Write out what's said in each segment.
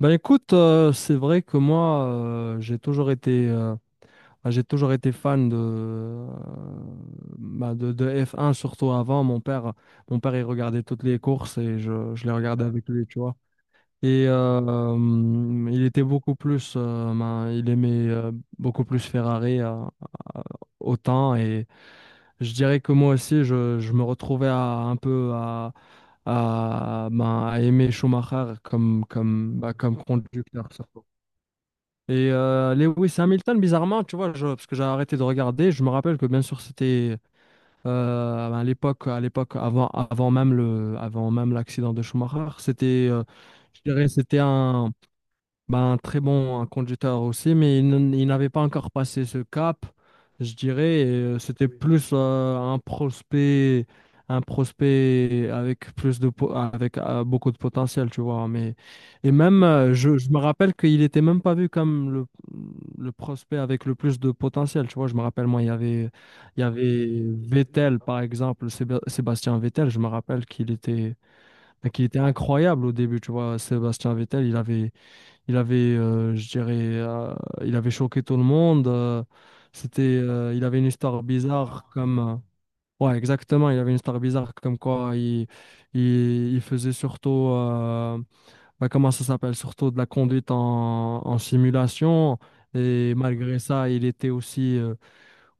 Ben écoute, c'est vrai que moi, j'ai toujours été fan de F1, surtout avant. Mon père, il regardait toutes les courses et je les regardais avec lui, tu vois. Il était beaucoup plus, ben, il aimait beaucoup plus Ferrari euh, autant. Et je dirais que moi aussi, je me retrouvais à un peu, ben, à aimer Schumacher comme conducteur, surtout. Lewis Hamilton, bizarrement, tu vois, parce que j'ai arrêté de regarder. Je me rappelle que bien sûr c'était, à l'époque avant, avant même l'accident de Schumacher, c'était, je dirais, c'était ben, un très bon conducteur aussi, mais il n'avait pas encore passé ce cap, je dirais. C'était plus un prospect avec beaucoup de potentiel, tu vois. Mais et même, je me rappelle qu'il était même pas vu comme le prospect avec le plus de potentiel, tu vois. Je me rappelle moi, il y avait Vettel par exemple, Sébastien Vettel. Je me rappelle qu'il était enfin, qu'il était incroyable au début, tu vois. Sébastien Vettel, je dirais, il avait choqué tout le monde. C'était, il avait une histoire bizarre comme, ouais, exactement, il avait une histoire bizarre comme quoi il faisait surtout, bah, comment ça s'appelle, surtout de la conduite en simulation. Et malgré ça, il était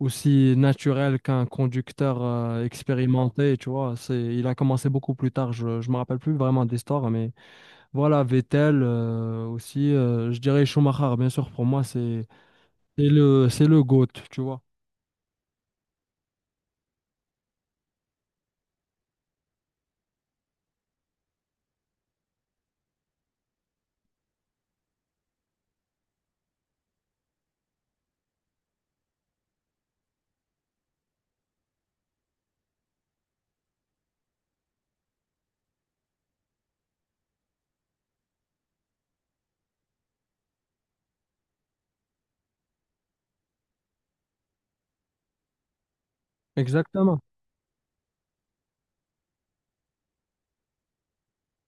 aussi naturel qu'un conducteur expérimenté, tu vois. Il a commencé beaucoup plus tard, je ne me rappelle plus vraiment de l'histoire, mais voilà, Vettel aussi, je dirais Schumacher, bien sûr, pour moi, c'est le GOAT, tu vois. Exactement,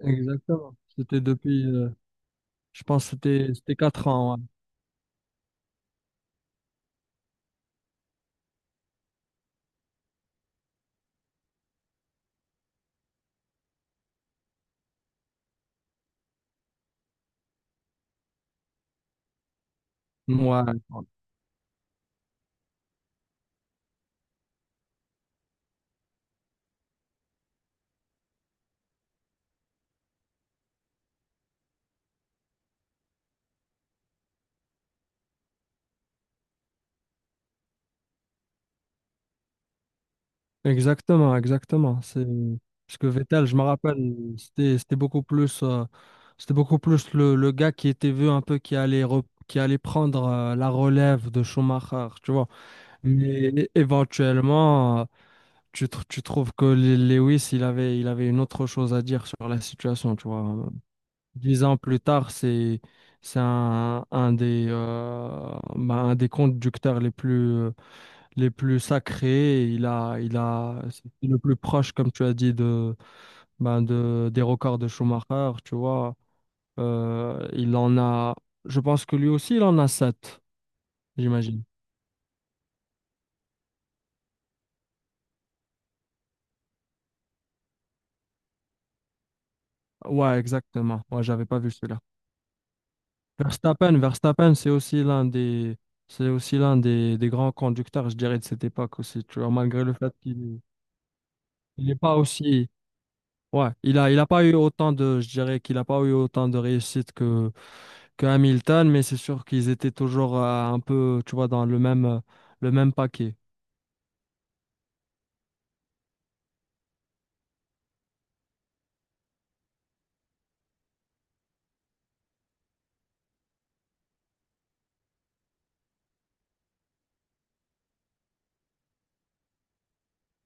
exactement. C'était depuis, je pense, que c'était 4 ans. Ouais. Ouais. Exactement, exactement. C'est parce que Vettel, je me rappelle, c'était beaucoup plus le gars qui était vu un peu qui allait qui allait prendre la relève de Schumacher, tu vois. Mais éventuellement, tu trouves que Lewis, il avait une autre chose à dire sur la situation, tu vois. 10 ans plus tard, c'est un des, bah, un des conducteurs les plus sacrés. Et c'est le plus proche, comme tu as dit, bah, des records de Schumacher, tu vois. Il en a, je pense que lui aussi, il en a sept, j'imagine. Ouais, exactement. Ouais, j'avais pas vu celui-là. Verstappen, c'est aussi l'un des grands conducteurs, je dirais, de cette époque aussi, tu vois, malgré le fait qu'il il n'est pas aussi, ouais, il a pas eu autant de, je dirais qu'il a pas eu autant de réussite que Hamilton, mais c'est sûr qu'ils étaient toujours un peu, tu vois, dans le même paquet.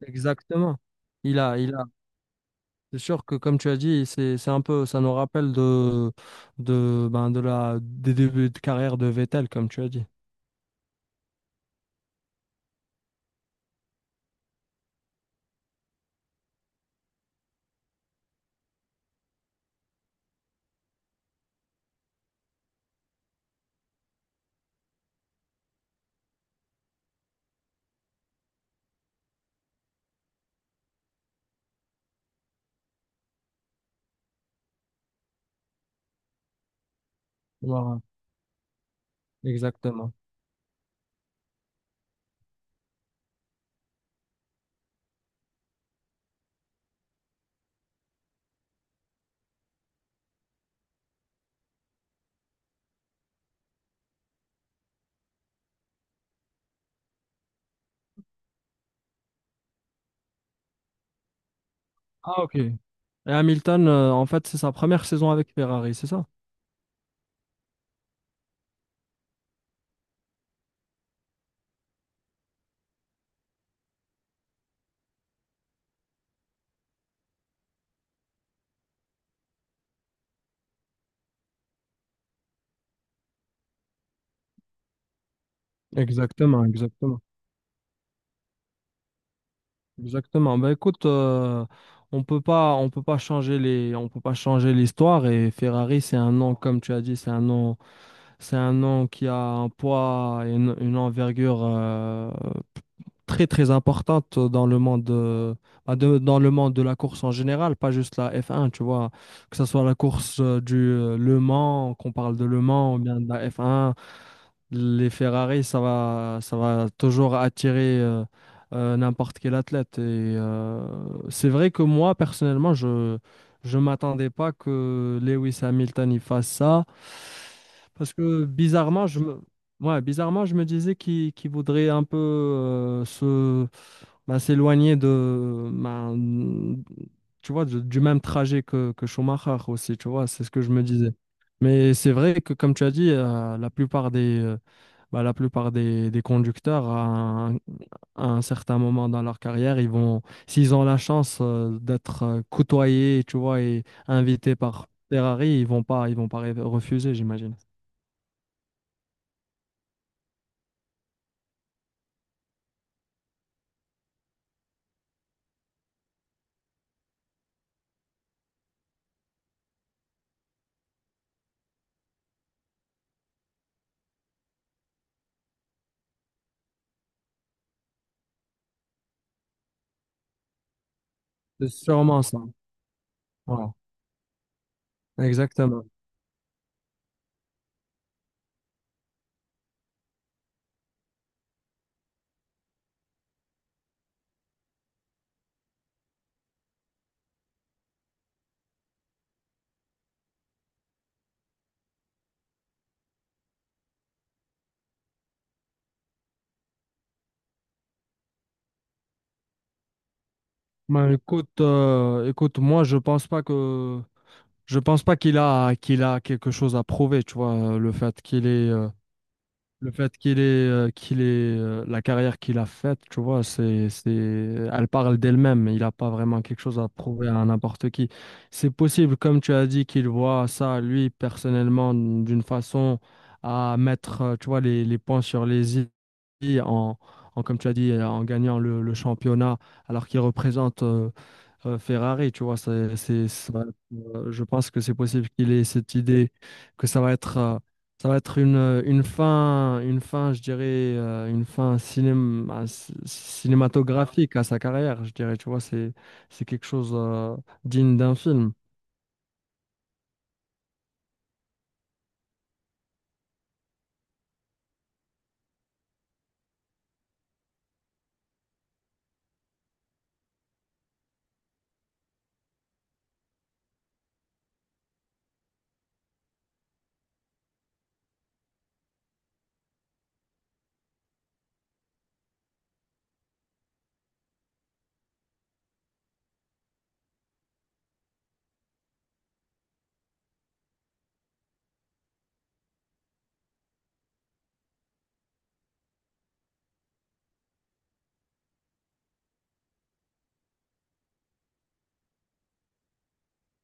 Exactement. Il a. C'est sûr que comme tu as dit, c'est un peu, ça nous rappelle ben, des débuts de carrière de Vettel, comme tu as dit. Voilà. Exactement. Ah, ok. Et Hamilton, en fait, c'est sa première saison avec Ferrari, c'est ça? Exactement, exactement. Exactement. Ben écoute, on peut pas changer l'histoire et Ferrari, c'est un nom, comme tu as dit, C'est un nom qui a un poids et une envergure très très importante dans le monde dans le monde de la course en général, pas juste la F1, tu vois, que ce soit la course du Le Mans, qu'on parle de Le Mans ou bien de la F1, les Ferrari, ça va toujours attirer n'importe quel athlète et c'est vrai que moi personnellement, je m'attendais pas que Lewis Hamilton y fasse ça. Parce que bizarrement, ouais, bizarrement, je me disais qu'il voudrait un peu se bah, s'éloigner de bah, tu vois, du même trajet que Schumacher aussi, tu vois, c'est ce que je me disais. Mais c'est vrai que, comme tu as dit, bah, des conducteurs, à un certain moment dans leur carrière, s'ils ont la chance d'être côtoyés, tu vois, et invités par Ferrari, ils vont pas refuser, j'imagine. C'est sûrement ça. Voilà, exactement. Ben, écoute, moi je pense pas qu'il a quelque chose à prouver, tu vois. Le fait qu'il ait, la carrière qu'il a faite, tu vois, c'est, elle parle d'elle-même. Il n'a pas vraiment quelque chose à prouver à n'importe qui. C'est possible, comme tu as dit, qu'il voit ça, lui, personnellement, d'une façon à mettre, tu vois, les points sur les i comme tu as dit, en gagnant le championnat, alors qu'il représente Ferrari, tu vois. C'est, ça va être, Je pense que c'est possible qu'il ait cette idée que ça va être une fin, je dirais, une fin cinématographique à sa carrière, je dirais, tu vois, c'est quelque chose, digne d'un film.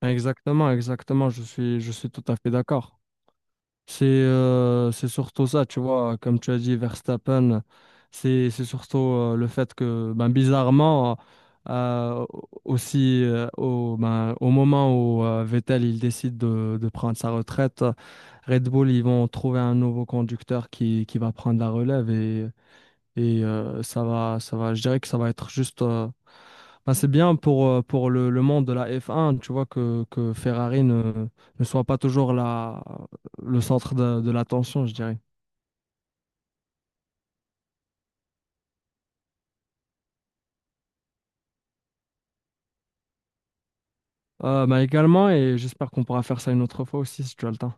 Exactement, exactement, je suis tout à fait d'accord. C'est surtout ça, tu vois, comme tu as dit, Verstappen, c'est surtout le fait que, ben, bizarrement, euh, aussi ben, au moment où Vettel il décide de prendre sa retraite, Red Bull, ils vont trouver un nouveau conducteur qui va prendre la relève et ça va, je dirais que ça va être juste. Ben, c'est bien pour le monde de la F1, tu vois, que Ferrari ne soit pas toujours le centre de l'attention, je dirais. Ben, également, et j'espère qu'on pourra faire ça une autre fois aussi, si tu as le temps.